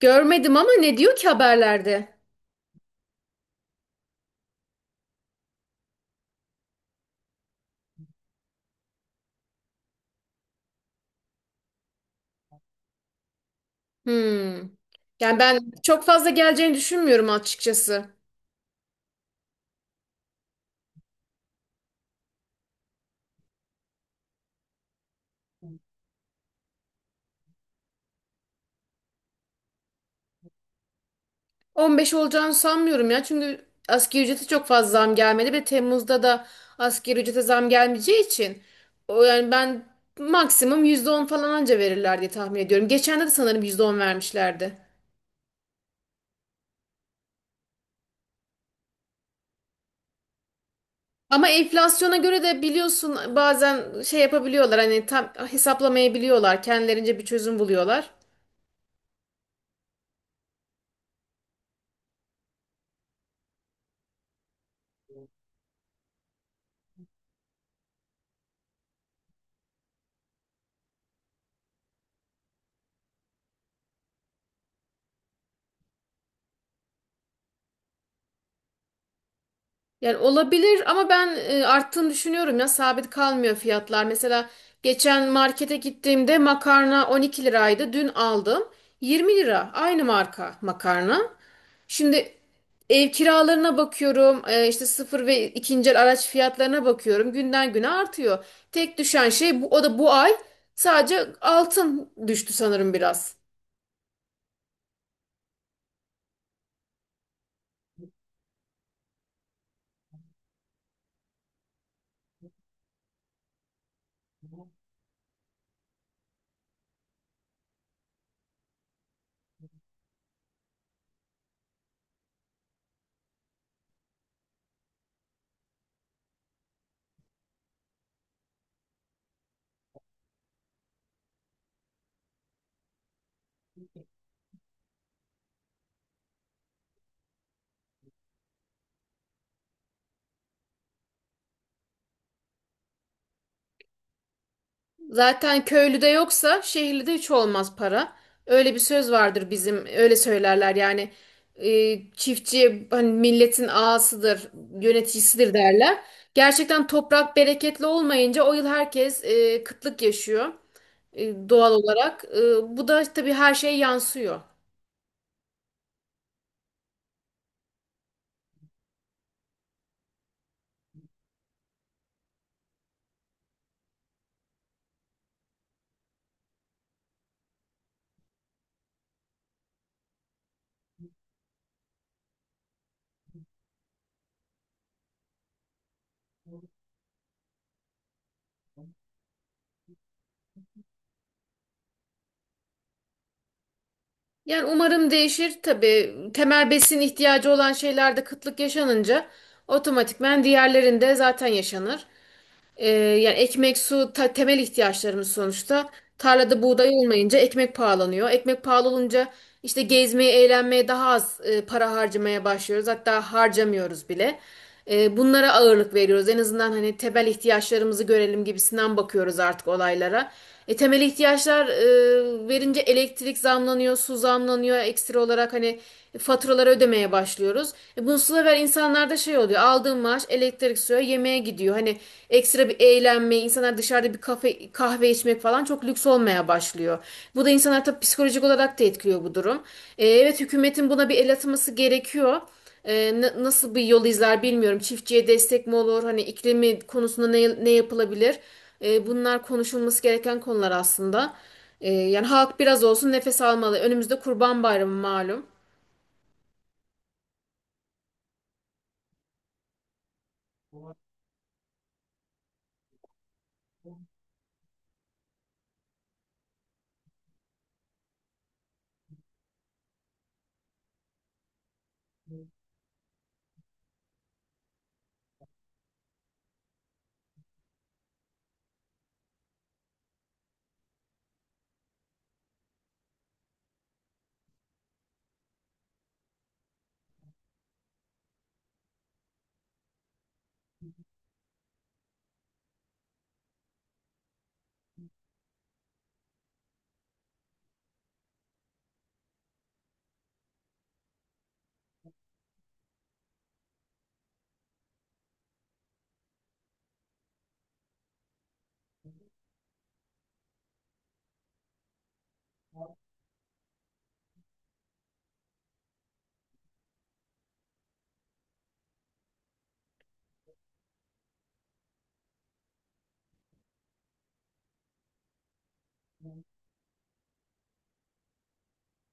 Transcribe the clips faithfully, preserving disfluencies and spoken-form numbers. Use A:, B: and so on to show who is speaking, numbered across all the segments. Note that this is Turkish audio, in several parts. A: Görmedim ama ne diyor ki haberlerde? Hmm. Yani ben çok fazla geleceğini düşünmüyorum açıkçası. on beş olacağını sanmıyorum ya. Çünkü asgari ücrete çok fazla zam gelmedi ve Temmuz'da da asgari ücrete zam gelmeyeceği için o yani ben maksimum yüzde on falan anca verirler diye tahmin ediyorum. Geçen de de sanırım yüzde on vermişlerdi. Ama enflasyona göre de biliyorsun bazen şey yapabiliyorlar hani tam hesaplamayabiliyorlar. Kendilerince bir çözüm buluyorlar. Yani olabilir ama ben e, arttığını düşünüyorum ya sabit kalmıyor fiyatlar. Mesela geçen markete gittiğimde makarna on iki liraydı. Dün aldım yirmi lira aynı marka makarna. Şimdi ev kiralarına bakıyorum e, işte sıfır ve ikinci el araç fiyatlarına bakıyorum günden güne artıyor. Tek düşen şey bu, o da bu ay sadece altın düştü sanırım biraz. Zaten köylüde yoksa şehirli de hiç olmaz para. Öyle bir söz vardır bizim öyle söylerler yani e, çiftçi hani milletin ağasıdır, yöneticisidir derler. Gerçekten toprak bereketli olmayınca o yıl herkes e, kıtlık yaşıyor e, doğal olarak. E, bu da tabii her şeye yansıyor. Yani umarım değişir. Tabii temel besin ihtiyacı olan şeylerde kıtlık yaşanınca otomatikmen diğerlerinde zaten yaşanır. Ee, yani ekmek, su ta- temel ihtiyaçlarımız sonuçta. Tarlada buğday olmayınca ekmek pahalanıyor. Ekmek pahalı olunca işte gezmeye, eğlenmeye daha az e, para harcamaya başlıyoruz. Hatta harcamıyoruz bile. E, bunlara ağırlık veriyoruz. En azından hani temel ihtiyaçlarımızı görelim gibisinden bakıyoruz artık olaylara. E, temel ihtiyaçlar e, verince elektrik zamlanıyor, su zamlanıyor. Ekstra olarak hani faturaları ödemeye başlıyoruz. E, bunun sıra insanlarda şey oluyor. Aldığım maaş elektrik suya yemeğe gidiyor. Hani ekstra bir eğlenme, insanlar dışarıda bir kafe, kahve içmek falan çok lüks olmaya başlıyor. Bu da insanlar tabii psikolojik olarak da etkiliyor bu durum. E, evet, hükümetin buna bir el atması gerekiyor. Ee, na- nasıl bir yol izler bilmiyorum. Çiftçiye destek mi olur? Hani iklimi konusunda ne, ne yapılabilir? Ee, bunlar konuşulması gereken konular aslında. Ee, yani halk biraz olsun nefes almalı. Önümüzde Kurban Bayramı malum.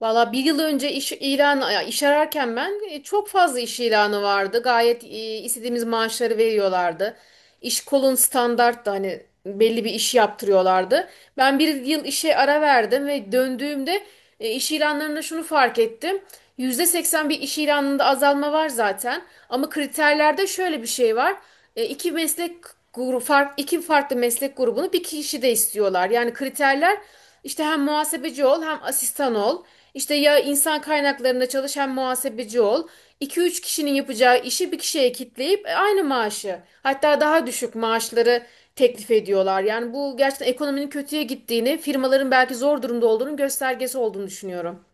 A: Valla bir yıl önce iş ilan ya iş ararken ben e, çok fazla iş ilanı vardı. Gayet e, istediğimiz maaşları veriyorlardı. İş kolun standarttı hani belli bir iş yaptırıyorlardı. Ben bir yıl işe ara verdim ve döndüğümde e, iş ilanlarında şunu fark ettim. Yüzde seksen bir iş ilanında azalma var zaten. Ama kriterlerde şöyle bir şey var. E, iki meslek grubu, fark, iki farklı meslek grubunu bir kişi de istiyorlar. Yani kriterler işte hem muhasebeci ol hem asistan ol. İşte ya insan kaynaklarında çalış hem muhasebeci ol. İki üç kişinin yapacağı işi bir kişiye kitleyip e, aynı maaşı hatta daha düşük maaşları teklif ediyorlar. Yani bu gerçekten ekonominin kötüye gittiğini, firmaların belki zor durumda olduğunun göstergesi olduğunu düşünüyorum.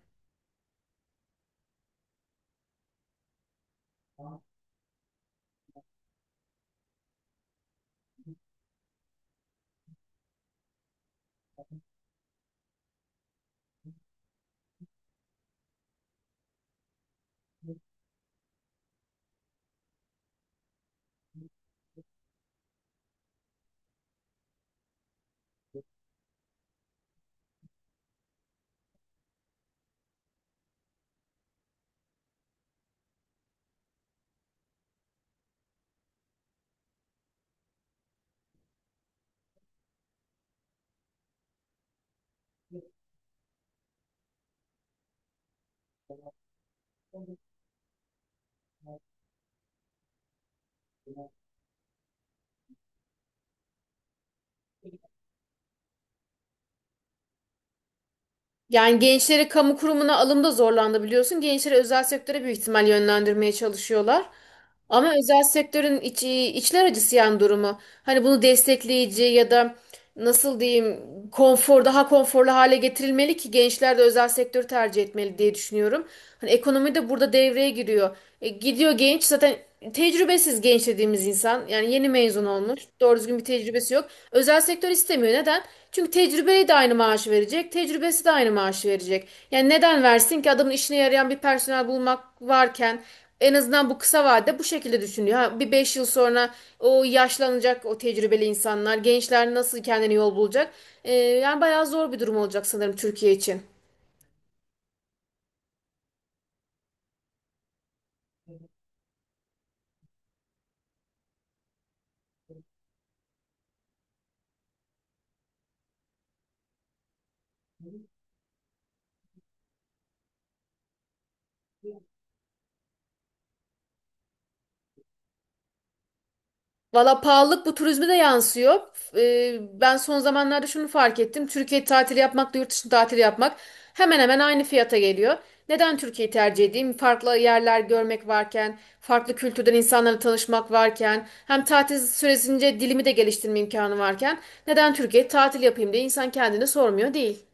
A: Yani gençleri kamu kurumuna alımda zorlandı biliyorsun. Gençleri özel sektöre büyük ihtimal yönlendirmeye çalışıyorlar. Ama özel sektörün iç, içler acısı yani durumu. Hani bunu destekleyici ya da nasıl diyeyim konfor daha konforlu hale getirilmeli ki gençler de özel sektörü tercih etmeli diye düşünüyorum. Hani ekonomi de burada devreye giriyor. E, gidiyor genç zaten tecrübesiz genç dediğimiz insan yani yeni mezun olmuş doğru düzgün bir tecrübesi yok. Özel sektör istemiyor neden? Çünkü tecrübeye de aynı maaşı verecek tecrübesi de aynı maaşı verecek. Yani neden versin ki adamın işine yarayan bir personel bulmak varken en azından bu kısa vadede bu şekilde düşünüyor. Ha, bir beş yıl sonra o yaşlanacak o tecrübeli insanlar, gençler nasıl kendine yol bulacak? Ee, yani bayağı zor bir durum olacak sanırım Türkiye için. Valla pahalılık bu turizme de yansıyor. Ee, ben son zamanlarda şunu fark ettim. Türkiye tatili yapmakla yurt dışı tatili yapmak hemen hemen aynı fiyata geliyor. Neden Türkiye'yi tercih edeyim? Farklı yerler görmek varken, farklı kültürden insanlarla tanışmak varken, hem tatil süresince dilimi de geliştirme imkanı varken, neden Türkiye'ye tatil yapayım diye insan kendini sormuyor değil.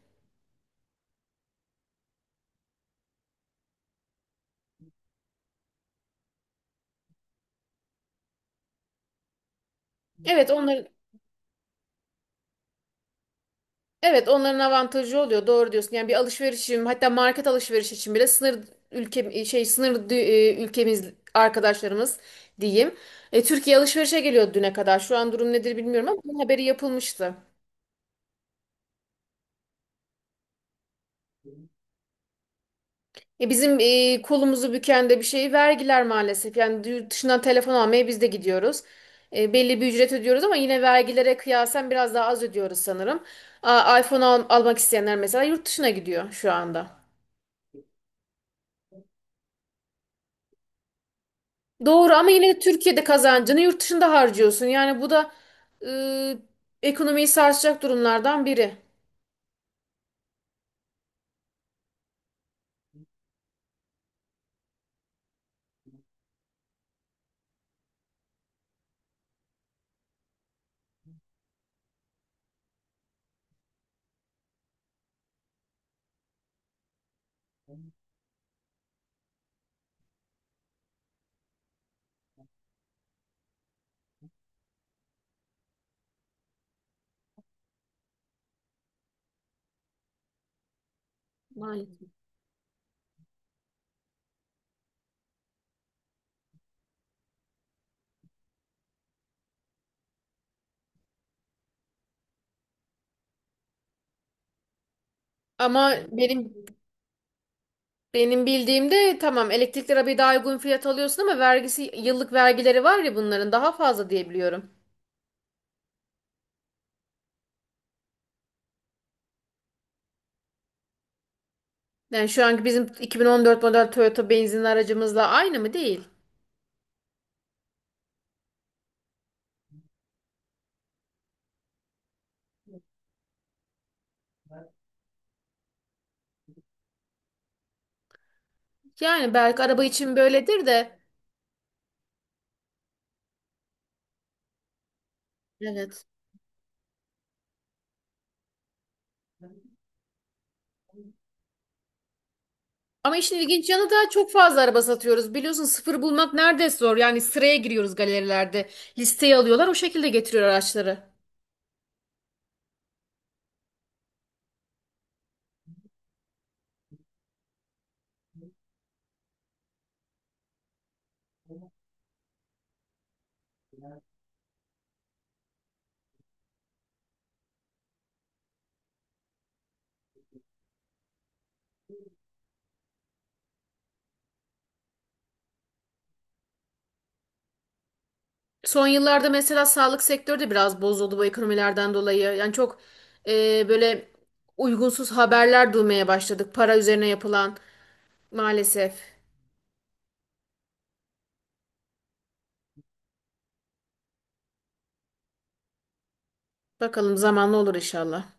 A: Evet, onların Evet onların avantajı oluyor doğru diyorsun. Yani bir alışverişim hatta market alışveriş için bile sınır ülke şey sınır dü- e, ülkemiz arkadaşlarımız diyeyim. E, Türkiye alışverişe geliyor düne kadar. Şu an durum nedir bilmiyorum ama bunun haberi yapılmıştı. E, bizim e, kolumuzu büken de bir şey vergiler maalesef. Yani yurt dışından telefon almaya biz de gidiyoruz. E, belli bir ücret ödüyoruz ama yine vergilere kıyasen biraz daha az ödüyoruz sanırım. A, iPhone al- almak isteyenler mesela yurt dışına gidiyor şu anda. Doğru ama yine de Türkiye'de kazancını yurt dışında harcıyorsun. Yani bu da e, ekonomiyi sarsacak durumlardan biri. Maalesef. Ama benim benim bildiğimde tamam elektrikli arabayı daha uygun fiyat alıyorsun ama vergisi yıllık vergileri var ya bunların daha fazla diye biliyorum. Yani şu anki bizim iki bin on dört model Toyota benzinli aracımızla aynı mı değil? Yani belki araba için böyledir de. Evet. Ama işin ilginç yanı da çok fazla araba satıyoruz. Biliyorsun sıfır bulmak neredeyse zor. Yani sıraya giriyoruz galerilerde. Listeyi alıyorlar o şekilde getiriyor araçları. Son yıllarda mesela sağlık sektörü de biraz bozuldu bu ekonomilerden dolayı. Yani çok e, böyle uygunsuz haberler duymaya başladık. Para üzerine yapılan maalesef. Bakalım zamanla olur inşallah.